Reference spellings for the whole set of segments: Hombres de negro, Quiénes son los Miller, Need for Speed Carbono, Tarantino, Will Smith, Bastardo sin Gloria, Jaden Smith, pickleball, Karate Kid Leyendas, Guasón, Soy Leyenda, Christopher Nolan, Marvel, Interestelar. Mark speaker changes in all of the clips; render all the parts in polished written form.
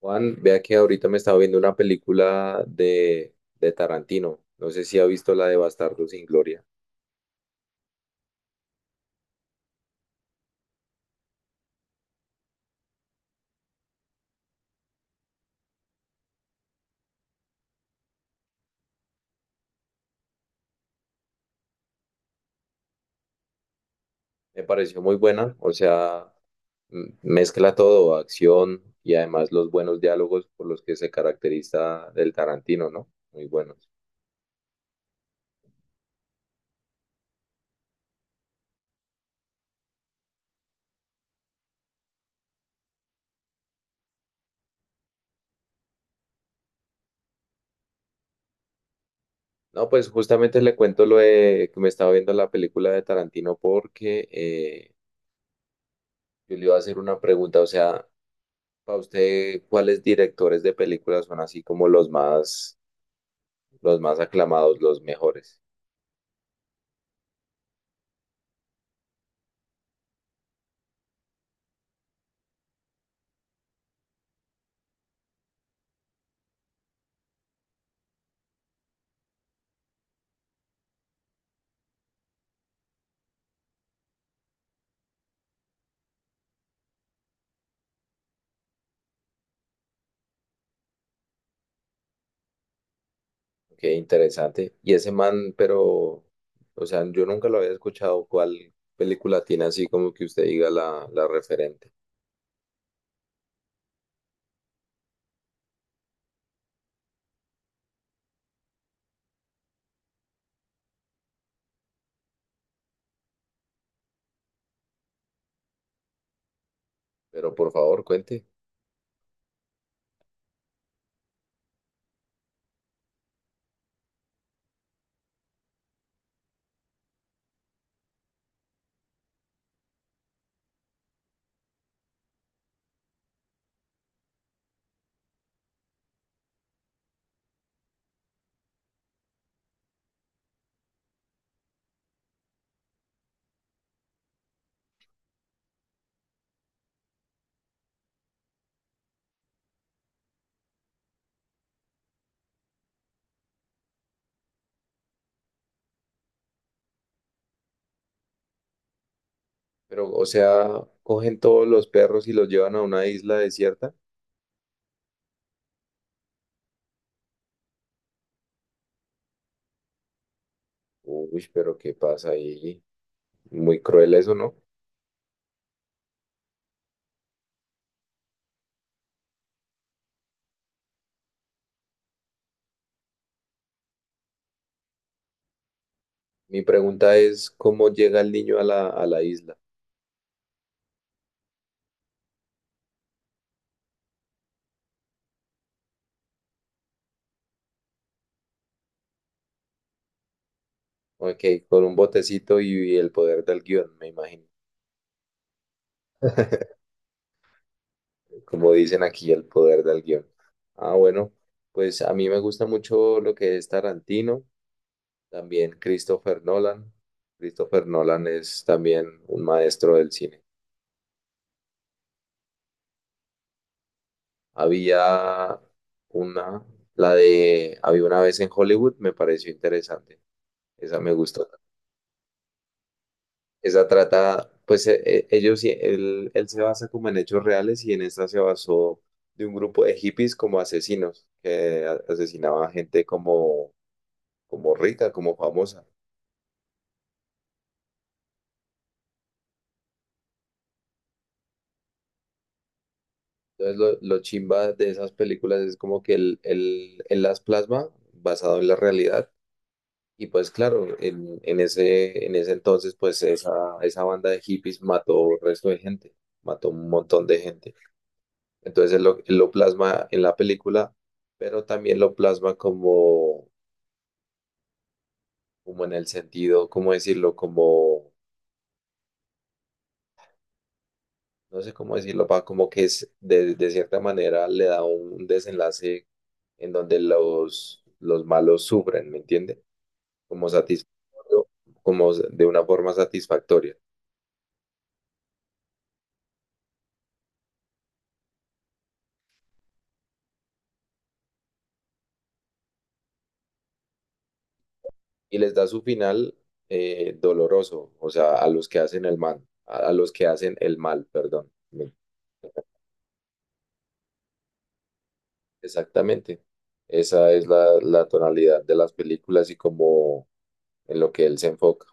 Speaker 1: Juan, vea que ahorita me estaba viendo una película de Tarantino. No sé si ha visto la de Bastardo sin Gloria. Me pareció muy buena, o sea, mezcla todo, acción y además los buenos diálogos por los que se caracteriza del Tarantino, ¿no? Muy buenos. No, pues justamente le cuento lo de que me estaba viendo la película de Tarantino porque yo le iba a hacer una pregunta, o sea, para usted, ¿cuáles directores de películas son así como los más aclamados, los mejores? Qué interesante. Y ese man, pero, o sea, yo nunca lo había escuchado. ¿Cuál película tiene así como que usted diga la referente? Pero por favor, cuente. Pero, o sea, cogen todos los perros y los llevan a una isla desierta. Uy, pero ¿qué pasa ahí? Muy cruel eso, ¿no? Mi pregunta es, ¿cómo llega el niño a a la isla? Ok, con un botecito y el poder del guión, me imagino. Como dicen aquí, el poder del guión. Ah, bueno, pues a mí me gusta mucho lo que es Tarantino, también Christopher Nolan. Christopher Nolan es también un maestro del cine. Había una, la de, había una vez en Hollywood, me pareció interesante. Esa me gustó. Esa trata, pues ellos, él se basa como en hechos reales y en esta se basó de un grupo de hippies como asesinos que asesinaban gente como como rica, como famosa. Entonces lo chimba de esas películas es como que él las plasma basado en la realidad. Y pues claro, en ese entonces pues esa banda de hippies mató el resto de gente, mató un montón de gente. Entonces él lo plasma en la película, pero también lo plasma como, como en el sentido, ¿cómo decirlo? Como no sé cómo decirlo, pa, como que de cierta manera le da un desenlace en donde los malos sufren, ¿me entiende? Como satisfactorio, como de una forma satisfactoria. Y les da su final doloroso, o sea, a los que hacen el mal, a los que hacen el mal, perdón. Me- Exactamente. Esa es la tonalidad de las películas y como en lo que él se enfoca.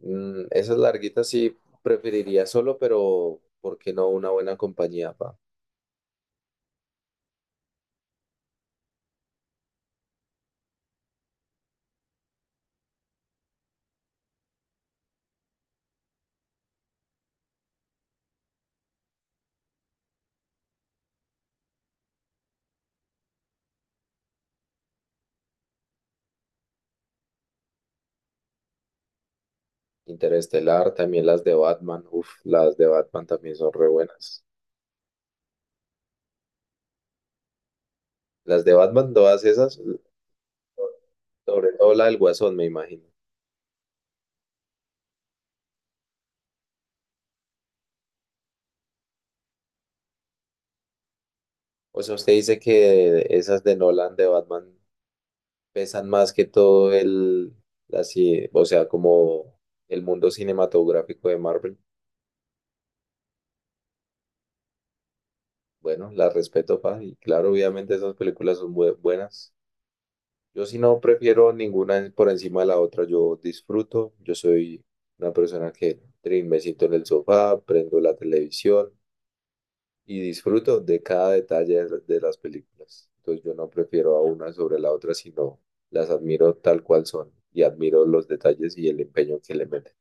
Speaker 1: Mm, esas larguitas sí preferiría solo, pero ¿por qué no una buena compañía, pa? Interestelar, también las de Batman. Uf, las de Batman también son re buenas. Las de Batman, todas esas, sobre todo la del Guasón, me imagino. O sea, usted dice que esas de Nolan, de Batman, pesan más que todo el, así, o sea, como el mundo cinematográfico de Marvel. Bueno, las respeto, pa, y claro, obviamente esas películas son buenas. Yo sí no prefiero ninguna por encima de la otra, yo disfruto, yo soy una persona que trin, me siento en el sofá, prendo la televisión y disfruto de cada detalle de las películas. Entonces yo no prefiero a una sobre la otra, sino las admiro tal cual son y admiro los detalles y el empeño que le meten.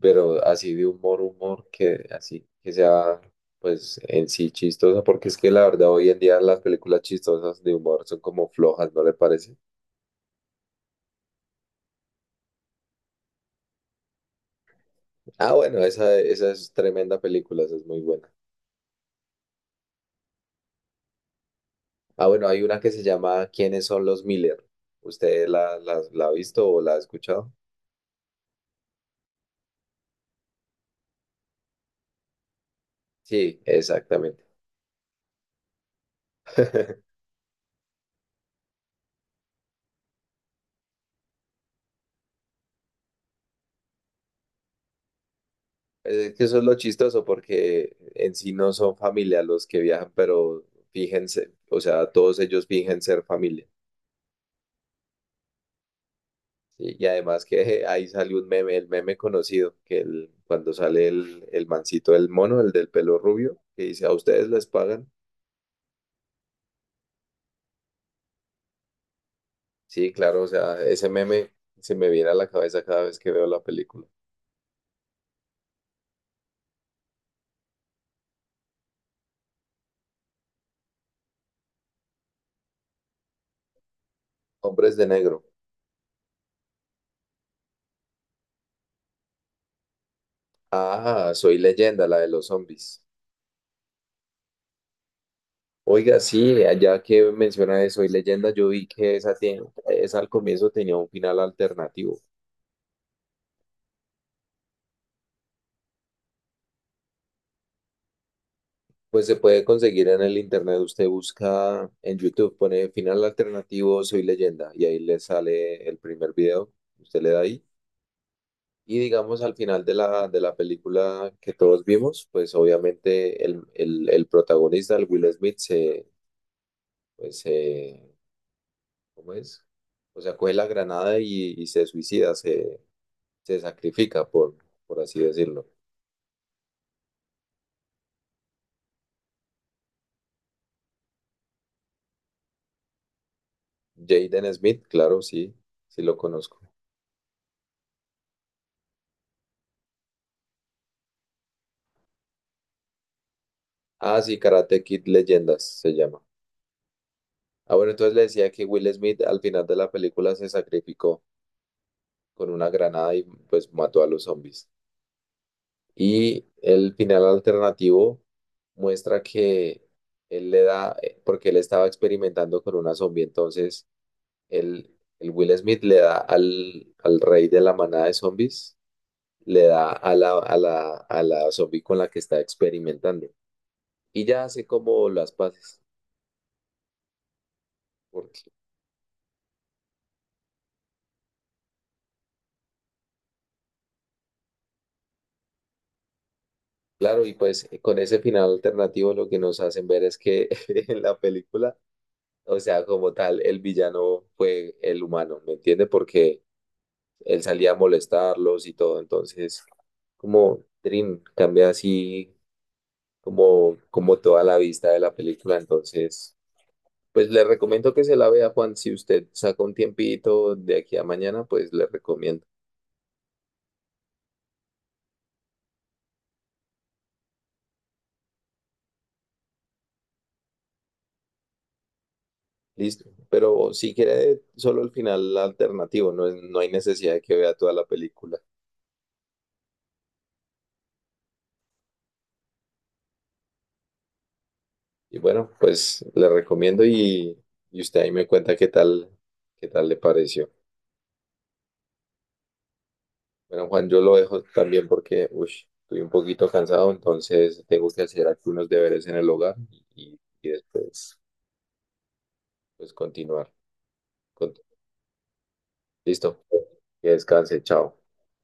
Speaker 1: Pero así de humor, humor, que así, que sea pues en sí chistosa, porque es que la verdad hoy en día las películas chistosas de humor son como flojas, ¿no le parece? Ah, bueno, esa es tremenda película, esa es muy buena. Ah, bueno, hay una que se llama ¿Quiénes son los Miller? ¿Usted la ha visto o la ha escuchado? Sí, exactamente. Es que eso es lo chistoso porque en sí no son familia los que viajan, pero fíjense, o sea, todos ellos fingen ser familia. Sí, y además que ahí salió un meme, el meme conocido, que el, cuando sale el mancito, el mono, el del pelo rubio, que dice, ¿a ustedes les pagan? Sí, claro, o sea, ese meme se me viene a la cabeza cada vez que veo la película. Hombres de negro. Ah, Soy Leyenda, la de los zombies. Oiga, sí, allá que menciona de Soy Leyenda, yo vi que esa, tiene, esa al comienzo tenía un final alternativo. Pues se puede conseguir en el internet, usted busca en YouTube, pone final alternativo Soy Leyenda y ahí le sale el primer video, usted le da ahí. Y digamos al final de de la película que todos vimos, pues obviamente el protagonista, el Will Smith, se, pues, se, ¿cómo es? O sea, coge la granada y se suicida, se sacrifica, por así decirlo. Jaden Smith, claro, sí, sí lo conozco. Ah, sí, Karate Kid Leyendas se llama. Ah, bueno, entonces le decía que Will Smith al final de la película se sacrificó con una granada y pues mató a los zombies. Y el final alternativo muestra que él le da, porque él estaba experimentando con una zombie, entonces él, el Will Smith le da al rey de la manada de zombies, le da a a la zombie con la que está experimentando. Y ya hace como las paces, porque claro, y pues con ese final alternativo lo que nos hacen ver es que en la película, o sea, como tal, el villano fue el humano, ¿me entiende? Porque él salía a molestarlos y todo, entonces... Como Dream, cambia así como, como toda la vista de la película. Entonces, pues le recomiendo que se la vea, Juan. Si usted saca un tiempito de aquí a mañana, pues le recomiendo. Listo. Pero si quiere solo el final alternativo, no, no hay necesidad de que vea toda la película. Y bueno, pues le recomiendo y usted ahí me cuenta qué tal le pareció. Bueno, Juan, yo lo dejo también porque uy, estoy un poquito cansado, entonces tengo que hacer algunos deberes en el hogar y después pues continuar. Con- Listo, que descanse, chao.